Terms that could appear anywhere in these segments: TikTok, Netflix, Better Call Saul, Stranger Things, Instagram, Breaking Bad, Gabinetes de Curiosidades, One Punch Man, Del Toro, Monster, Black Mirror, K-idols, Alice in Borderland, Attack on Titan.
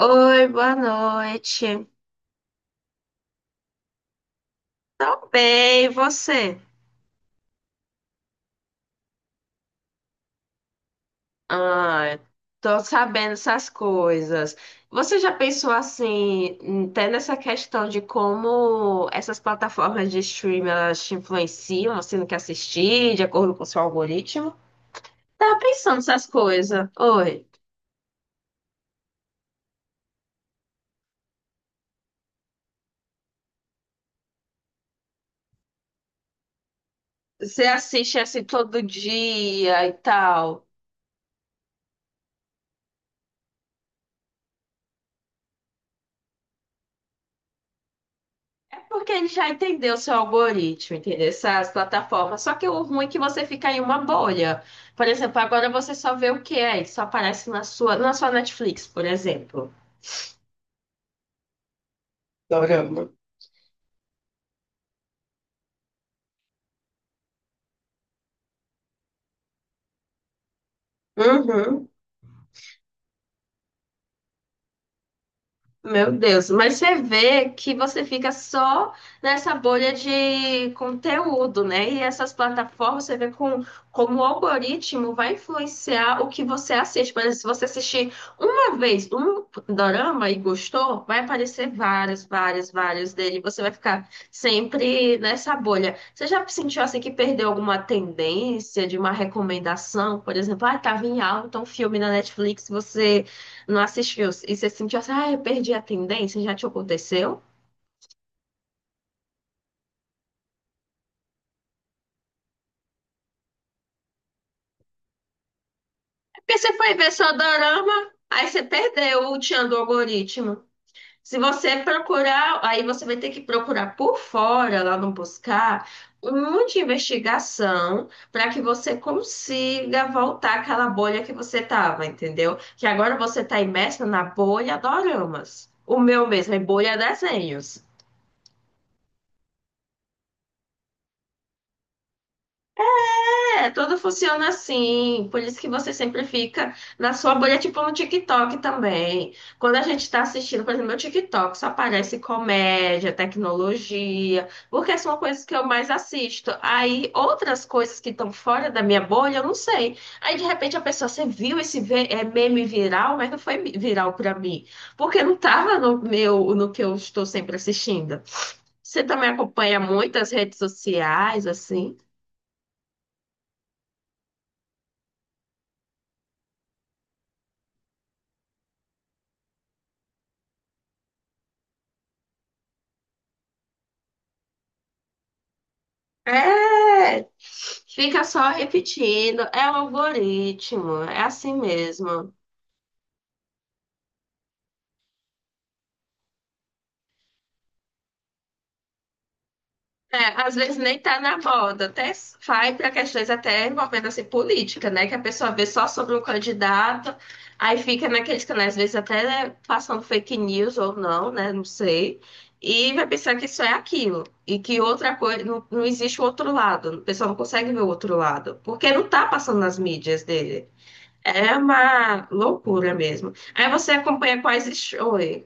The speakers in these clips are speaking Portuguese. Oi, boa noite. Tô bem, e você? Ah, tô sabendo essas coisas. Você já pensou assim, até nessa questão de como essas plataformas de streaming elas te influenciam, assim, no que assistir, de acordo com o seu algoritmo? Tava pensando essas coisas. Oi, você assiste assim todo dia e tal. É porque ele já entendeu o seu algoritmo, entendeu? Essas plataformas. Só que o ruim é que você fica em uma bolha. Por exemplo, agora você só vê o que é, ele só aparece na sua Netflix, por exemplo. Dorama. Uhum. Meu Deus, mas você vê que você fica só nessa bolha de conteúdo, né? E essas plataformas, você vê com, como o algoritmo vai influenciar o que você assiste. Por exemplo, se você assistir uma vez um dorama e gostou, vai aparecer vários dele. Você vai ficar sempre nessa bolha. Você já sentiu assim que perdeu alguma tendência de uma recomendação? Por exemplo, ah, estava em alta um filme na Netflix, você não assistiu e você sentiu assim, ah, eu perdi a tendência, já te aconteceu? É, porque você foi ver só dorama, aí você perdeu o tchan do algoritmo. Se você procurar, aí você vai ter que procurar por fora, lá no buscar, um monte de investigação para que você consiga voltar àquela bolha que você tava, entendeu? Que agora você tá imersa na bolha doramas. O meu mesmo é bolha desenhos. É, tudo funciona assim. Por isso que você sempre fica na sua bolha, tipo no TikTok também. Quando a gente está assistindo, por exemplo, meu TikTok só aparece comédia, tecnologia, porque são coisas que eu mais assisto. Aí outras coisas que estão fora da minha bolha, eu não sei. Aí de repente a pessoa, você viu é, meme viral, mas não foi viral para mim, porque não estava no que eu estou sempre assistindo. Você também acompanha muitas redes sociais, assim? É, fica só repetindo, é o algoritmo, é assim mesmo. É, às vezes nem tá na moda, até vai para questões até envolvendo assim, política, né? Que a pessoa vê só sobre um candidato, aí fica naqueles canais, às vezes até né, passando fake news ou não, né? Não sei. E vai pensar que isso é aquilo, e que outra coisa, não, não existe o outro lado, o pessoal não consegue ver o outro lado, porque não tá passando nas mídias dele. É uma loucura mesmo. Aí você acompanha quais shows.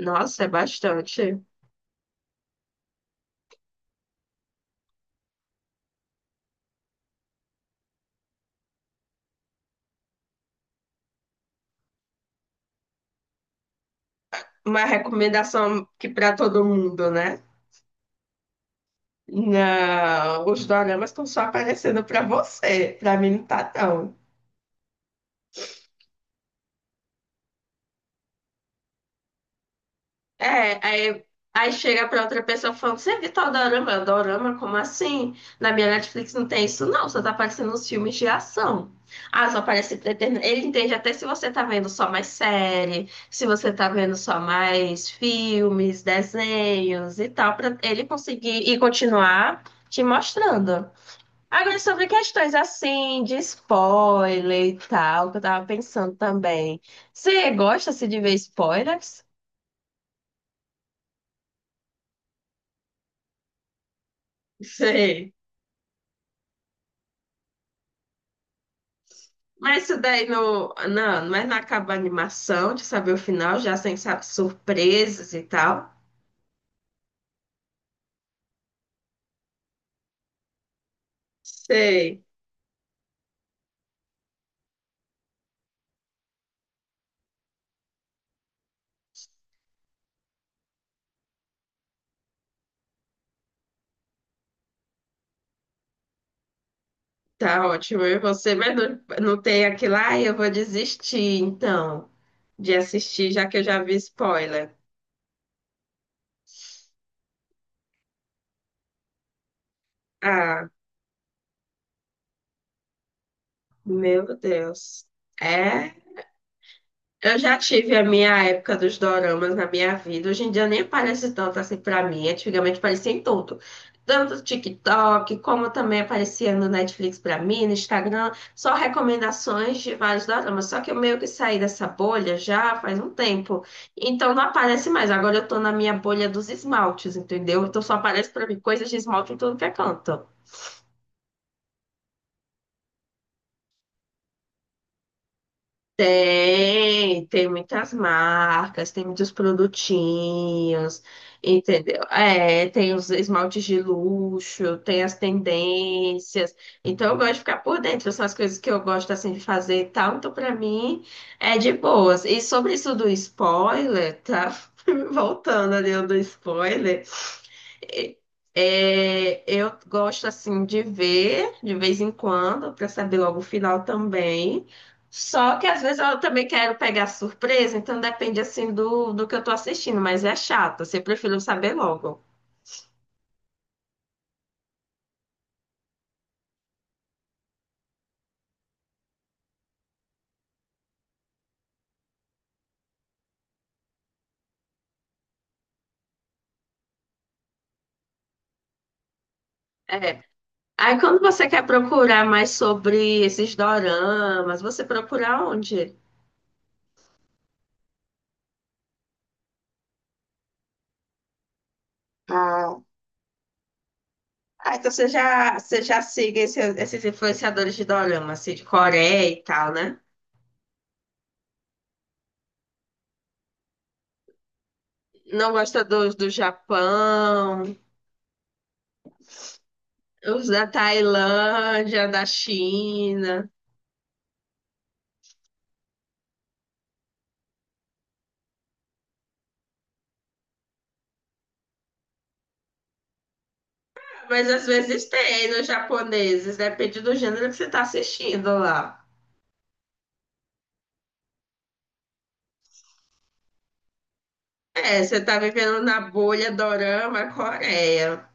Nossa, é bastante. Uma recomendação que para todo mundo, né? Não, os doramas estão só aparecendo para você. Para mim não tá, não. É, aí, aí chega pra outra pessoa falando, você viu tal dorama? Eu, dorama? Como assim? Na minha Netflix não tem isso, não. Só tá aparecendo os filmes de ação. Ah, só aparece ele entende até se você tá vendo só mais série, se você tá vendo só mais filmes, desenhos e tal, pra ele conseguir e continuar te mostrando. Agora, sobre questões assim, de spoiler e tal, que eu tava pensando também. Você gosta assim, de ver spoilers? Sei. Mas isso daí não, mas não acaba a animação de saber o final, já sem saber surpresas e tal. Sei, tá ótimo. E você, mas não, não tem aquilo, ai, eu vou desistir, então, de assistir, já que eu já vi spoiler. Ah, meu Deus. É, eu já tive a minha época dos doramas na minha vida. Hoje em dia nem aparece tanto assim pra mim. Antigamente aparecia em tudo. Tanto no TikTok, como também aparecia no Netflix pra mim, no Instagram. Só recomendações de vários doramas. Só que eu meio que saí dessa bolha já faz um tempo. Então não aparece mais. Agora eu tô na minha bolha dos esmaltes, entendeu? Então só aparece pra mim coisas de esmalte em tudo que é canto. Tem, tem muitas marcas, tem muitos produtinhos, entendeu? É, tem os esmaltes de luxo, tem as tendências. Então eu gosto de ficar por dentro, são as coisas que eu gosto assim de fazer e tal. Então pra mim é de boas. E sobre isso do spoiler, tá? Voltando ali ao do spoiler. É, eu gosto assim de ver de vez em quando para saber logo o final também. Só que às vezes eu também quero pegar surpresa, então depende assim do que eu tô assistindo, mas é chato, assim, eu prefiro saber logo. É. Aí quando você quer procurar mais sobre esses doramas, você procura onde? Ah, ah, então você já, siga esses influenciadores de dorama, assim, de Coreia e tal, né? Não gosta dos do Japão. Os da Tailândia, da China. Mas às vezes tem nos japoneses, depende do gênero que você está assistindo lá. É, você tá vivendo na bolha dorama Coreia.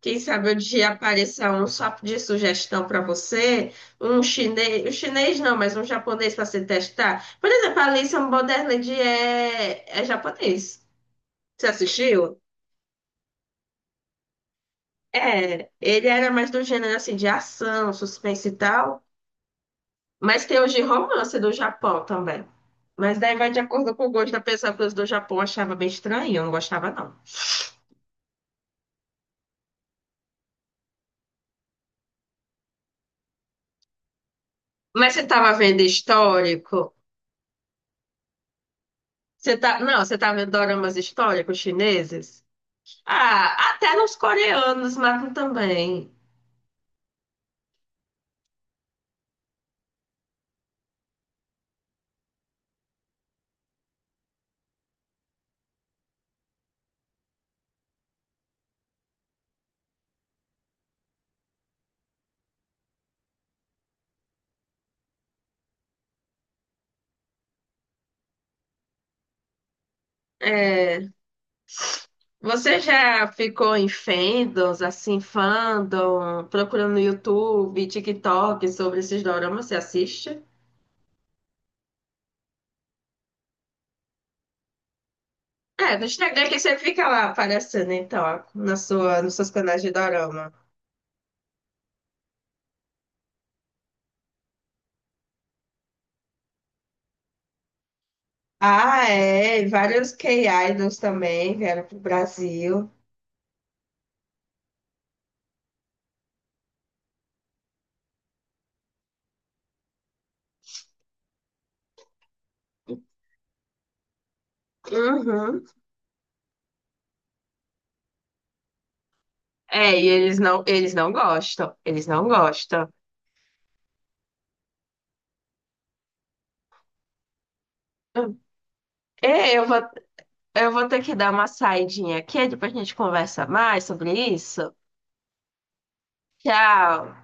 Quem sabe um dia apareça um só de sugestão para você, um chinês não, mas um japonês para você testar. Por exemplo, Alice in Borderland é, é japonês. Você assistiu? É, ele era mais do gênero assim de ação, suspense e tal. Mas tem os de romance do Japão também. Mas daí vai de acordo com o gosto da pessoa, porque os do Japão eu achava bem estranho, eu não gostava, não. Mas você tava vendo histórico? Você tá... Não, você tava vendo doramas históricos chineses? Ah, até nos coreanos matam também. É, você já ficou em fandoms, assim, fandom, procurando no YouTube, TikTok sobre esses doramas? Você assiste? É, no Instagram que você fica lá aparecendo, então, ó, na sua, nos seus canais de dorama. Ah, é. E vários K-idols também vieram pro Brasil. Uhum. É, e eles não gostam. Eles não gostam. É, eu vou ter que dar uma saidinha aqui, depois a gente conversa mais sobre isso. Tchau.